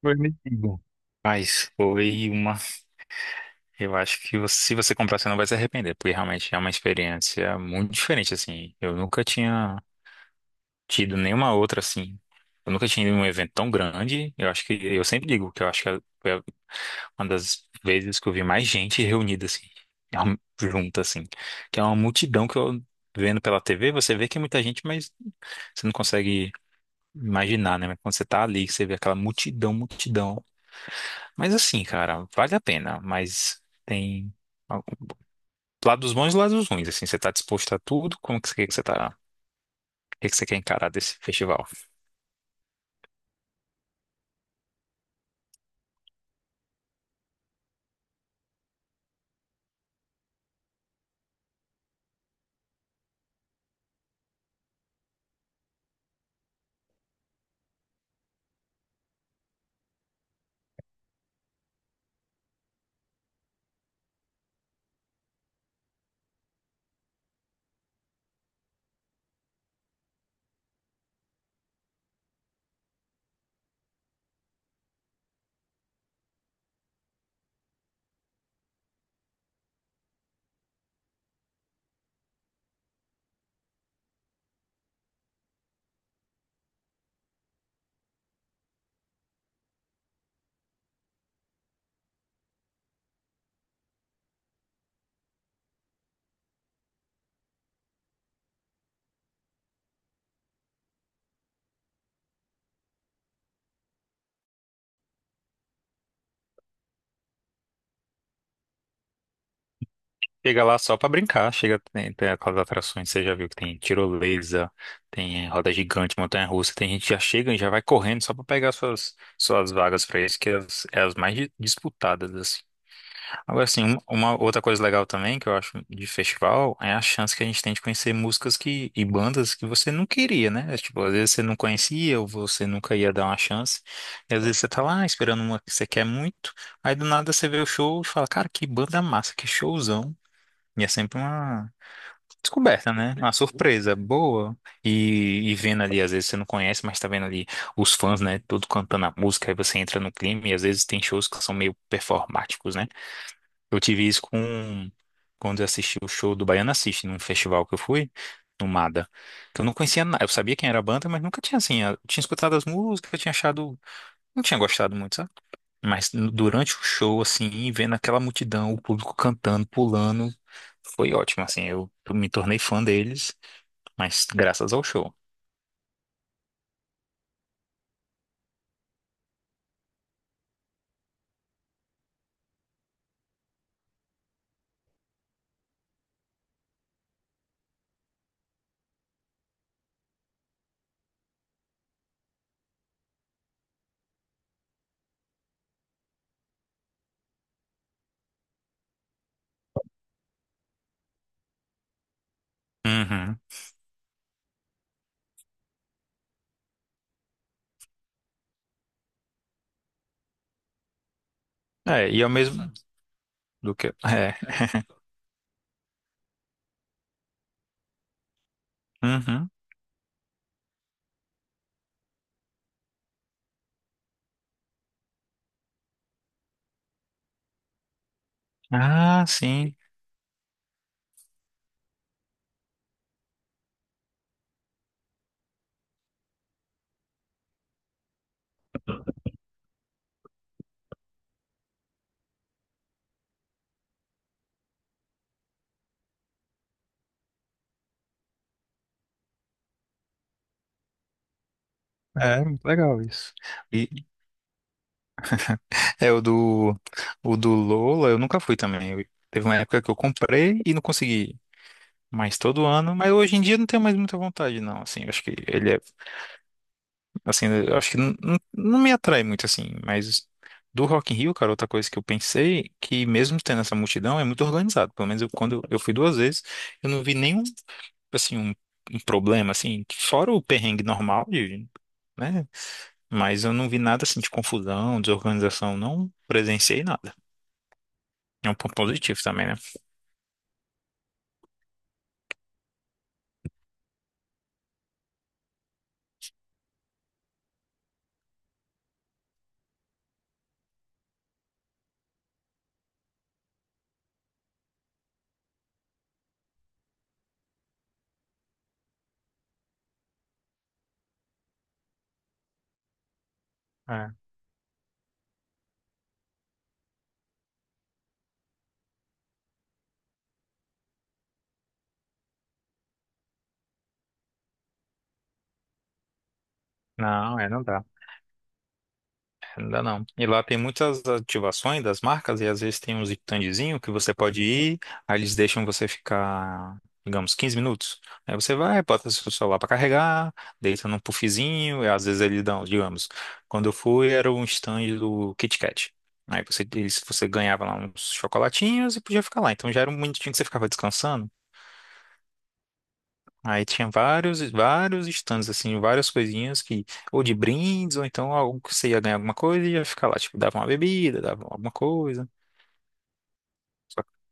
Foi metido. Mas foi uma. Eu acho que se você comprar, você não vai se arrepender, porque realmente é uma experiência muito diferente, assim. Eu nunca tinha tido nenhuma outra, assim. Eu nunca tinha ido em um evento tão grande. Eu acho que. Eu sempre digo que eu acho que uma das vezes que eu vi mais gente reunida, assim, junta, assim. Que é uma multidão que eu vendo pela TV, você vê que é muita gente, mas você não consegue imaginar, né? Mas quando você tá ali, que você vê aquela multidão, multidão. Mas assim, cara, vale a pena, mas tem algum- lados bons e lados ruins, assim, você tá disposto a tudo? Como que você tá, o que que você quer encarar desse festival? Chega lá só pra brincar, chega, tem, tem aquelas atrações, você já viu que tem tirolesa, tem roda gigante, montanha-russa, tem gente que já chega e já vai correndo só pra pegar suas, suas vagas pra isso, que é as mais disputadas, assim. Agora, assim, uma outra coisa legal também que eu acho de festival é a chance que a gente tem de conhecer músicas que, e bandas que você não queria, né? É, tipo, às vezes você não conhecia ou você nunca ia dar uma chance. E às vezes você tá lá esperando uma que você quer muito, aí do nada você vê o show e fala, cara, que banda massa, que showzão. E é sempre uma descoberta, né? Uma surpresa boa. E vendo ali, às vezes você não conhece, mas tá vendo ali os fãs, né? Todo cantando a música, aí você entra no clima e às vezes tem shows que são meio performáticos, né? Eu tive isso com quando eu assisti o show do Baiana System num festival que eu fui, no Mada. Que eu não conhecia nada. Eu sabia quem era a banda, mas nunca tinha assim. Eu tinha escutado as músicas, eu tinha achado. Não tinha gostado muito, sabe? Mas durante o show, assim, vendo aquela multidão, o público cantando, pulando, foi ótimo, assim. Eu me tornei fã deles, mas graças ao show. Uhum. É, e é o mesmo do que. É. Uhum. Ah, sim. É, muito legal isso. E, É, o do Lola, eu nunca fui também. Teve uma época que eu comprei e não consegui. Mas todo ano. Mas hoje em dia eu não tenho mais muita vontade, não. Assim, eu acho que ele é. Assim, eu acho que não me atrai muito, assim. Mas do Rock in Rio, cara, outra coisa que eu pensei, que mesmo tendo essa multidão, é muito organizado. Pelo menos eu, eu fui duas vezes, eu não vi nenhum, assim, um problema, assim. Fora o perrengue normal, de, né? Mas eu não vi nada, assim, de confusão, desorganização. Não presenciei nada. É um ponto positivo também, né? É. Não, é, não dá. Não dá não. E lá tem muitas ativações das marcas e às vezes tem uns standzinho que você pode ir, aí eles deixam você ficar, digamos, 15 minutos. Aí você vai, bota seu celular para carregar, deita num puffzinho, e às vezes eles dão, digamos, quando eu fui era um stand do Kit Kat. Aí você ganhava lá uns chocolatinhos e podia ficar lá. Então já era um minutinho que você ficava descansando. Aí tinha vários stands, assim, várias coisinhas que, ou de brindes, ou então algo que você ia ganhar alguma coisa e ia ficar lá, tipo, dava uma bebida, dava alguma coisa. Só que.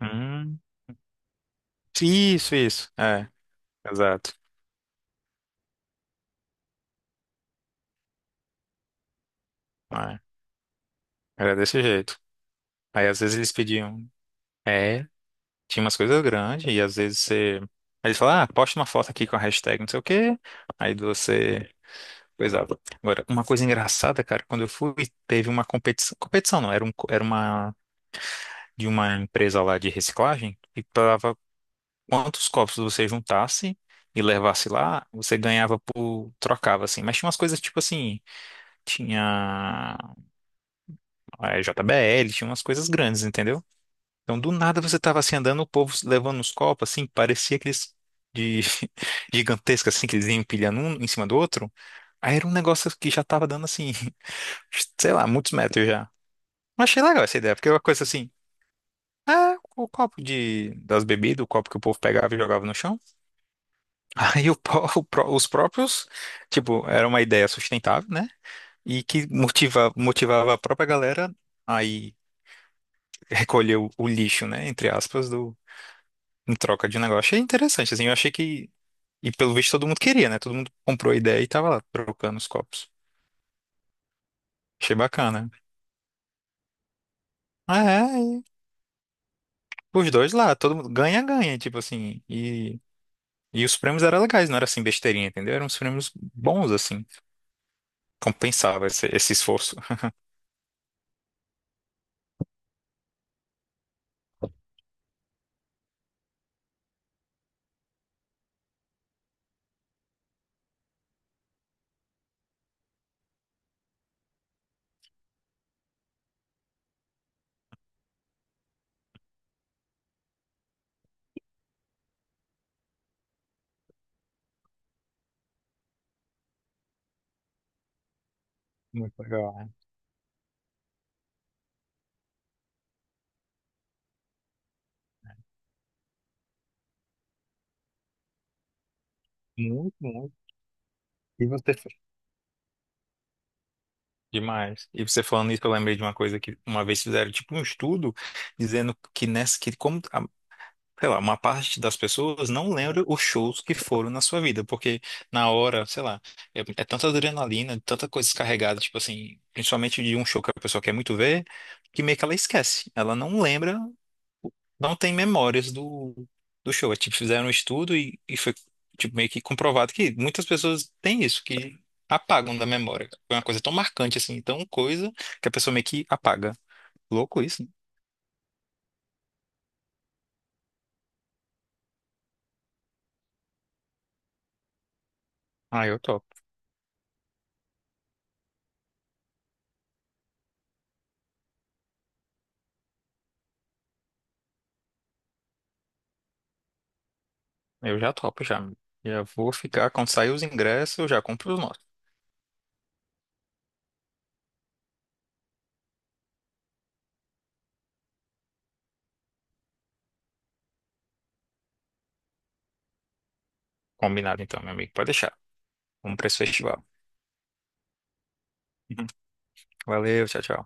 Hum, isso, é, exato. É, era desse jeito. Aí às vezes eles pediam, é, tinha umas coisas grandes, e às vezes você. Aí eles falavam, ah, posta uma foto aqui com a hashtag não sei o quê. Aí você. Coisava. Agora, uma coisa engraçada, cara, quando eu fui, teve uma competição. Competição não, era uma de uma empresa lá de reciclagem e pagava quantos copos você juntasse e levasse lá, você ganhava por trocava assim. Mas tinha umas coisas tipo assim, tinha a JBL, tinha umas coisas grandes, entendeu? Então do nada você tava assim andando, o povo levando uns copos assim, parecia aqueles de gigantesca assim que eles iam empilhando um em cima do outro. Aí era um negócio que já tava dando assim, sei lá, muitos metros já. Mas achei legal essa ideia, porque é uma coisa assim, é o copo de, das bebidas, o copo que o povo pegava e jogava no chão. Aí os próprios, tipo, era uma ideia sustentável, né? E que motivava a própria galera aí recolher o lixo, né? Entre aspas, do, em troca de um negócio. Achei interessante, assim, eu achei que. E pelo visto todo mundo queria, né? Todo mundo comprou a ideia e tava lá trocando os copos. Achei bacana. Ah, é, e os dois lá, todo mundo ganha, ganha, tipo assim. E os prêmios eram legais, não era assim besteirinha, entendeu? Eram uns prêmios bons, assim. Compensava esse, esse esforço. Muito legal, né? Muito, muito. E você demais. E você falando isso, eu lembrei de uma coisa que uma vez fizeram tipo um estudo dizendo que nessa que sei lá, uma parte das pessoas não lembra os shows que foram na sua vida, porque na hora, sei lá, é, é tanta adrenalina, tanta coisa descarregada, tipo assim, principalmente de um show que a pessoa quer muito ver, que meio que ela esquece. Ela não lembra não tem memórias do, do show. É, tipo, fizeram um estudo e foi tipo, meio que comprovado que muitas pessoas têm isso, que apagam da memória. Foi uma coisa tão marcante, assim, tão coisa, que a pessoa meio que apaga. Louco isso, né? Ah, eu topo. Eu já topo, já. Já vou ficar, quando sair os ingressos, eu já compro os nossos. Combinado então, meu amigo. Pode deixar. Vamos para esse festival. Uhum. Valeu, tchau, tchau.